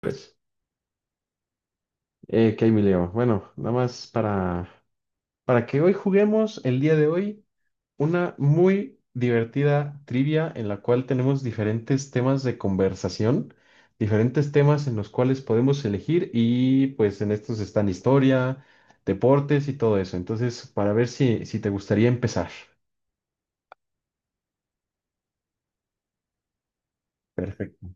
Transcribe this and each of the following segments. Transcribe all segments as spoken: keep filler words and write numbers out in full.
Pues, eh, ¿qué hay, mi Leo? Bueno, nada más para para que hoy juguemos el día de hoy una muy divertida trivia en la cual tenemos diferentes temas de conversación, diferentes temas en los cuales podemos elegir y pues en estos están historia, deportes y todo eso. Entonces, para ver si, si te gustaría empezar. Perfecto.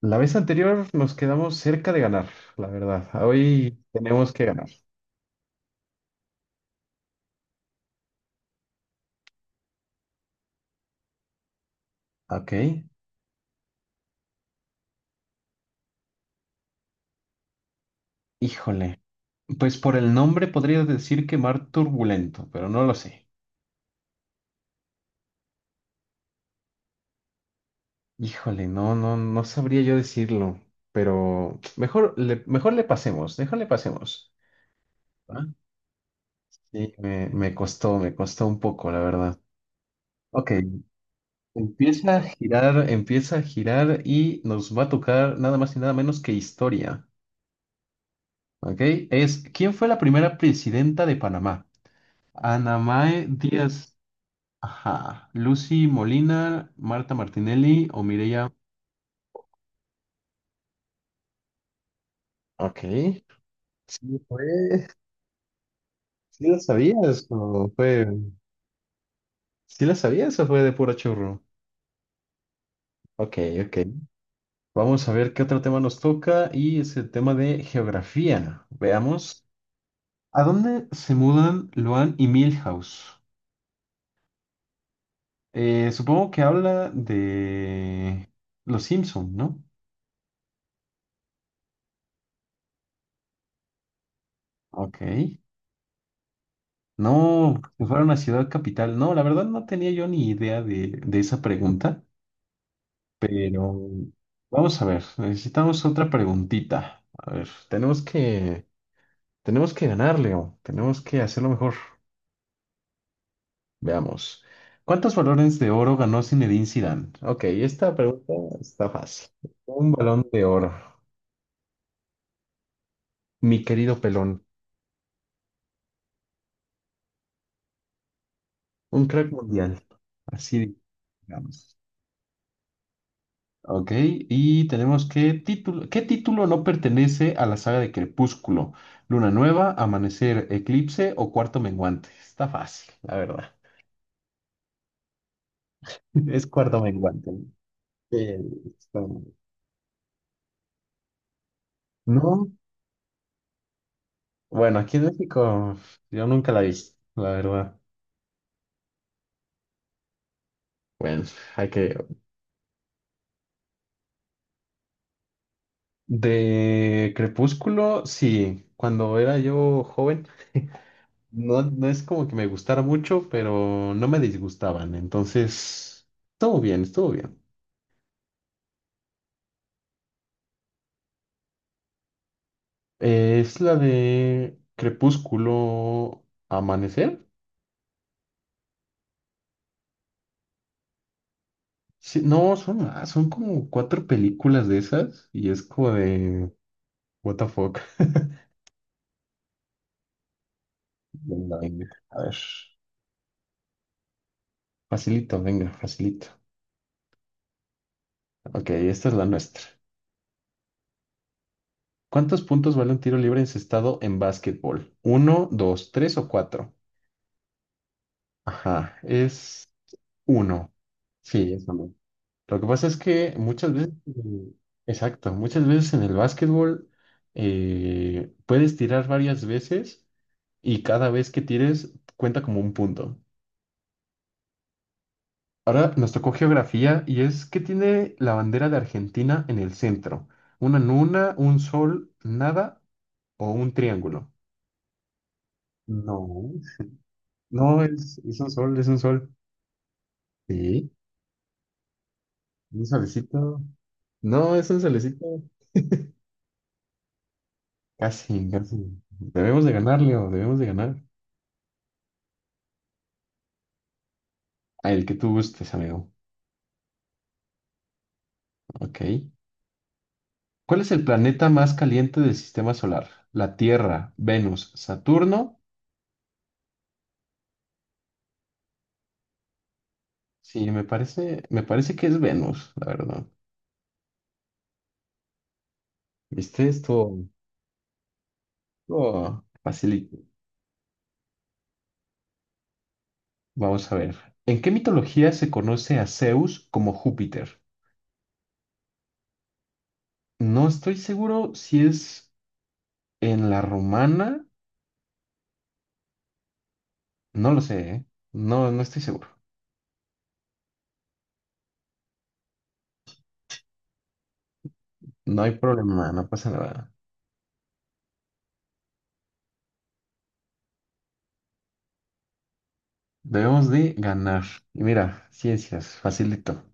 La vez anterior nos quedamos cerca de ganar, la verdad. Hoy tenemos que ganar. Ok. Híjole. Pues por el nombre podría decir que mar turbulento, pero no lo sé. Híjole, no, no, no sabría yo decirlo, pero mejor le, mejor le pasemos, mejor le pasemos. ¿Va? Sí, me, me costó, me costó un poco, la verdad. Ok, empieza a girar, empieza a girar y nos va a tocar nada más y nada menos que historia. Ok, es ¿quién fue la primera presidenta de Panamá? ¿Anamae Díaz, ajá, Lucy Molina, Marta Martinelli o Mireya? Ok. Sí, fue. ¿Sí la sabías o fue? ¿Sí la sabías o fue de puro churro? Ok, ok. Vamos a ver qué otro tema nos toca y es el tema de geografía. Veamos. ¿A dónde se mudan Luan y Milhouse? Eh, supongo que habla de Los Simpson, ¿no? Ok. No, que fuera una ciudad capital. No, la verdad no tenía yo ni idea de, de esa pregunta. Pero vamos a ver, necesitamos otra preguntita. A ver, tenemos que, tenemos que ganar, Leo. Tenemos que hacerlo mejor. Veamos. ¿Cuántos balones de oro ganó Zinedine Zidane? Ok, esta pregunta está fácil. Un balón de oro, mi querido pelón, un crack mundial. Así digamos. Ok, y tenemos que título, ¿qué título no pertenece a la saga de Crepúsculo? ¿Luna Nueva, Amanecer, Eclipse o Cuarto Menguante? Está fácil, la verdad. Es Cuarto Menguante. Eh, está- No, bueno, aquí en México yo nunca la vi, la verdad. Bueno, hay que... De Crepúsculo, sí, cuando era yo joven, no, no es como que me gustara mucho, pero no me disgustaban, entonces, estuvo bien, estuvo bien. Eh, es la de Crepúsculo Amanecer. Sí, no, son más, son como cuatro películas de esas y es como de what the fuck. Venga, venga. A ver. Facilito, venga, facilito. Ok, esta es la nuestra. ¿Cuántos puntos vale un tiro libre encestado en básquetbol? ¿Uno, dos, tres o cuatro? Ajá, es uno. Sí, es uno. Lo que pasa es que muchas veces, mm, exacto, muchas veces en el básquetbol eh, puedes tirar varias veces y cada vez que tires cuenta como un punto. Ahora nos tocó geografía y es que tiene la bandera de Argentina en el centro. ¿Una luna, un sol, nada o un triángulo? No, no es, es un sol, es un sol. Sí, un solecito. No, es un solecito. Casi, casi. Debemos de ganar, Leo, debemos de ganar. Ah, el que tú gustes, amigo. Ok. ¿Cuál es el planeta más caliente del sistema solar? ¿La Tierra, Venus, Saturno? Sí, me parece, me parece que es Venus, la verdad. ¿Viste esto? Oh, facilito. Vamos a ver. ¿En qué mitología se conoce a Zeus como Júpiter? No estoy seguro si es en la romana. No lo sé, ¿eh? No, no estoy seguro. No hay problema, no pasa nada. Debemos de ganar. Y mira, ciencias, facilito.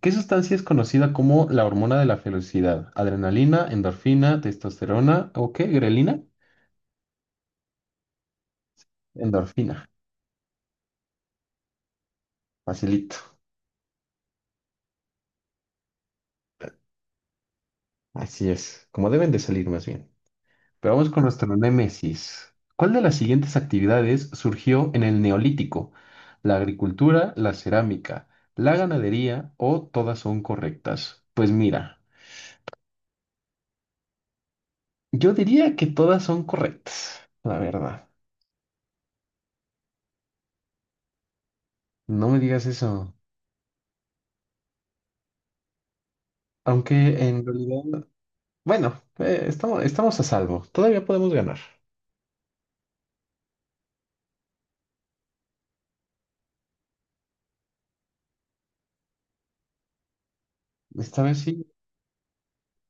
¿Qué sustancia es conocida como la hormona de la felicidad? ¿Adrenalina, endorfina, testosterona o qué? ¿Grelina? Endorfina. Facilito. Así es, como deben de salir más bien. Pero vamos con nuestro némesis. ¿Cuál de las siguientes actividades surgió en el Neolítico? ¿La agricultura, la cerámica, la ganadería o todas son correctas? Pues mira, yo diría que todas son correctas, la verdad. No me digas eso. Aunque en realidad. Bueno, eh, estamos, estamos a salvo. Todavía podemos ganar. Esta vez sí.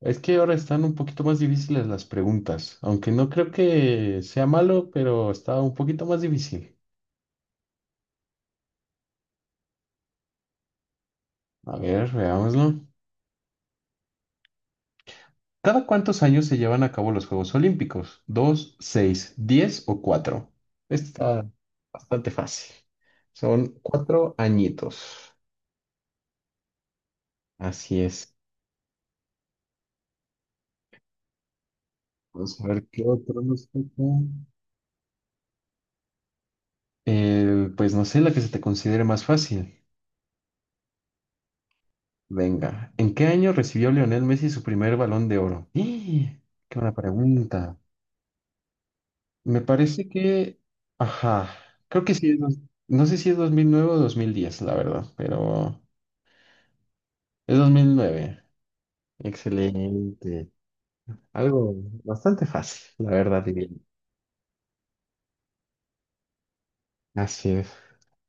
Es que ahora están un poquito más difíciles las preguntas, aunque no creo que sea malo, pero está un poquito más difícil. A ver, veámoslo. ¿Cada cuántos años se llevan a cabo los Juegos Olímpicos? ¿Dos, seis, diez o cuatro? Este Está bastante fácil. Son cuatro añitos. Así es. Vamos a ver qué otro nos toca. Eh, pues no sé, la que se te considere más fácil. Venga, ¿en qué año recibió Lionel Messi su primer balón de oro? ¡Ih! ¡Qué buena pregunta! Me parece que... Ajá, creo que sí. es dos- No sé si es dos mil nueve o dos mil diez, la verdad, pero es dos mil nueve. Excelente. Algo bastante fácil, la verdad, diría. Así es.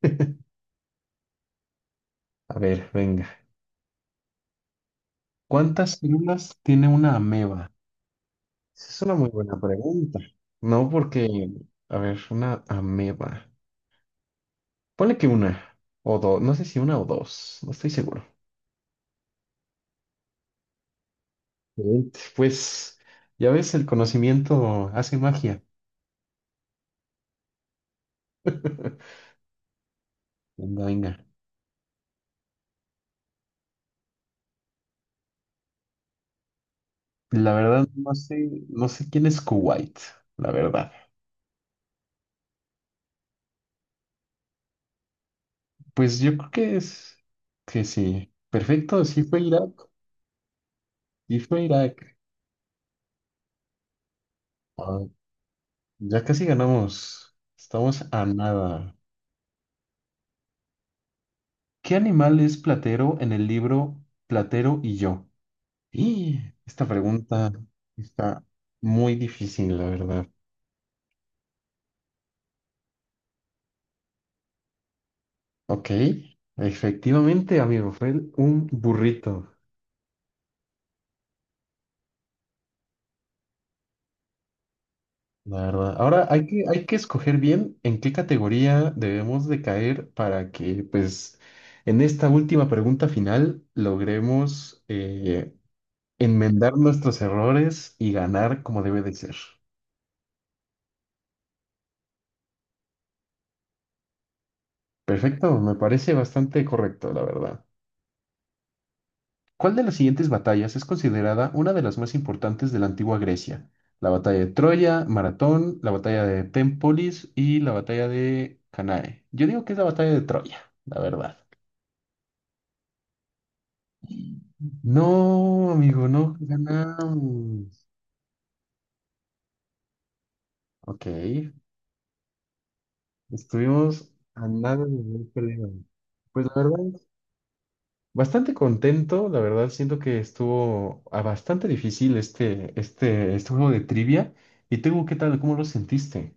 A ver, venga. ¿Cuántas células tiene una ameba? Esa es una muy buena pregunta. No porque, a ver, una ameba. Ponle que una o dos, no sé si una o dos, no estoy seguro. Excelente. Pues ya ves, el conocimiento hace magia. Venga, venga. La verdad, no sé, no sé quién es Kuwait, la verdad. Pues yo creo que es que sí. Perfecto, sí fue Irak, sí fue Irak. Ah, ya casi ganamos. Estamos a nada. ¿Qué animal es Platero en el libro Platero y yo? Y esta pregunta está muy difícil, la verdad. Ok, efectivamente, amigo, fue un burrito, la verdad. Ahora hay que, hay que escoger bien en qué categoría debemos de caer para que, pues, en esta última pregunta final logremos eh, enmendar nuestros errores y ganar como debe de ser. Perfecto, me parece bastante correcto, la verdad. ¿Cuál de las siguientes batallas es considerada una de las más importantes de la antigua Grecia? ¿La batalla de Troya, Maratón, la batalla de Tempolis y la batalla de Canae? Yo digo que es la batalla de Troya, la verdad. No, amigo, no ganamos. Ok, estuvimos a nada de haber peleado. Pues la verdad, bastante contento, la verdad, siento que estuvo ah, bastante difícil este, este, este juego de trivia. ¿Y tú qué tal? ¿Cómo lo sentiste?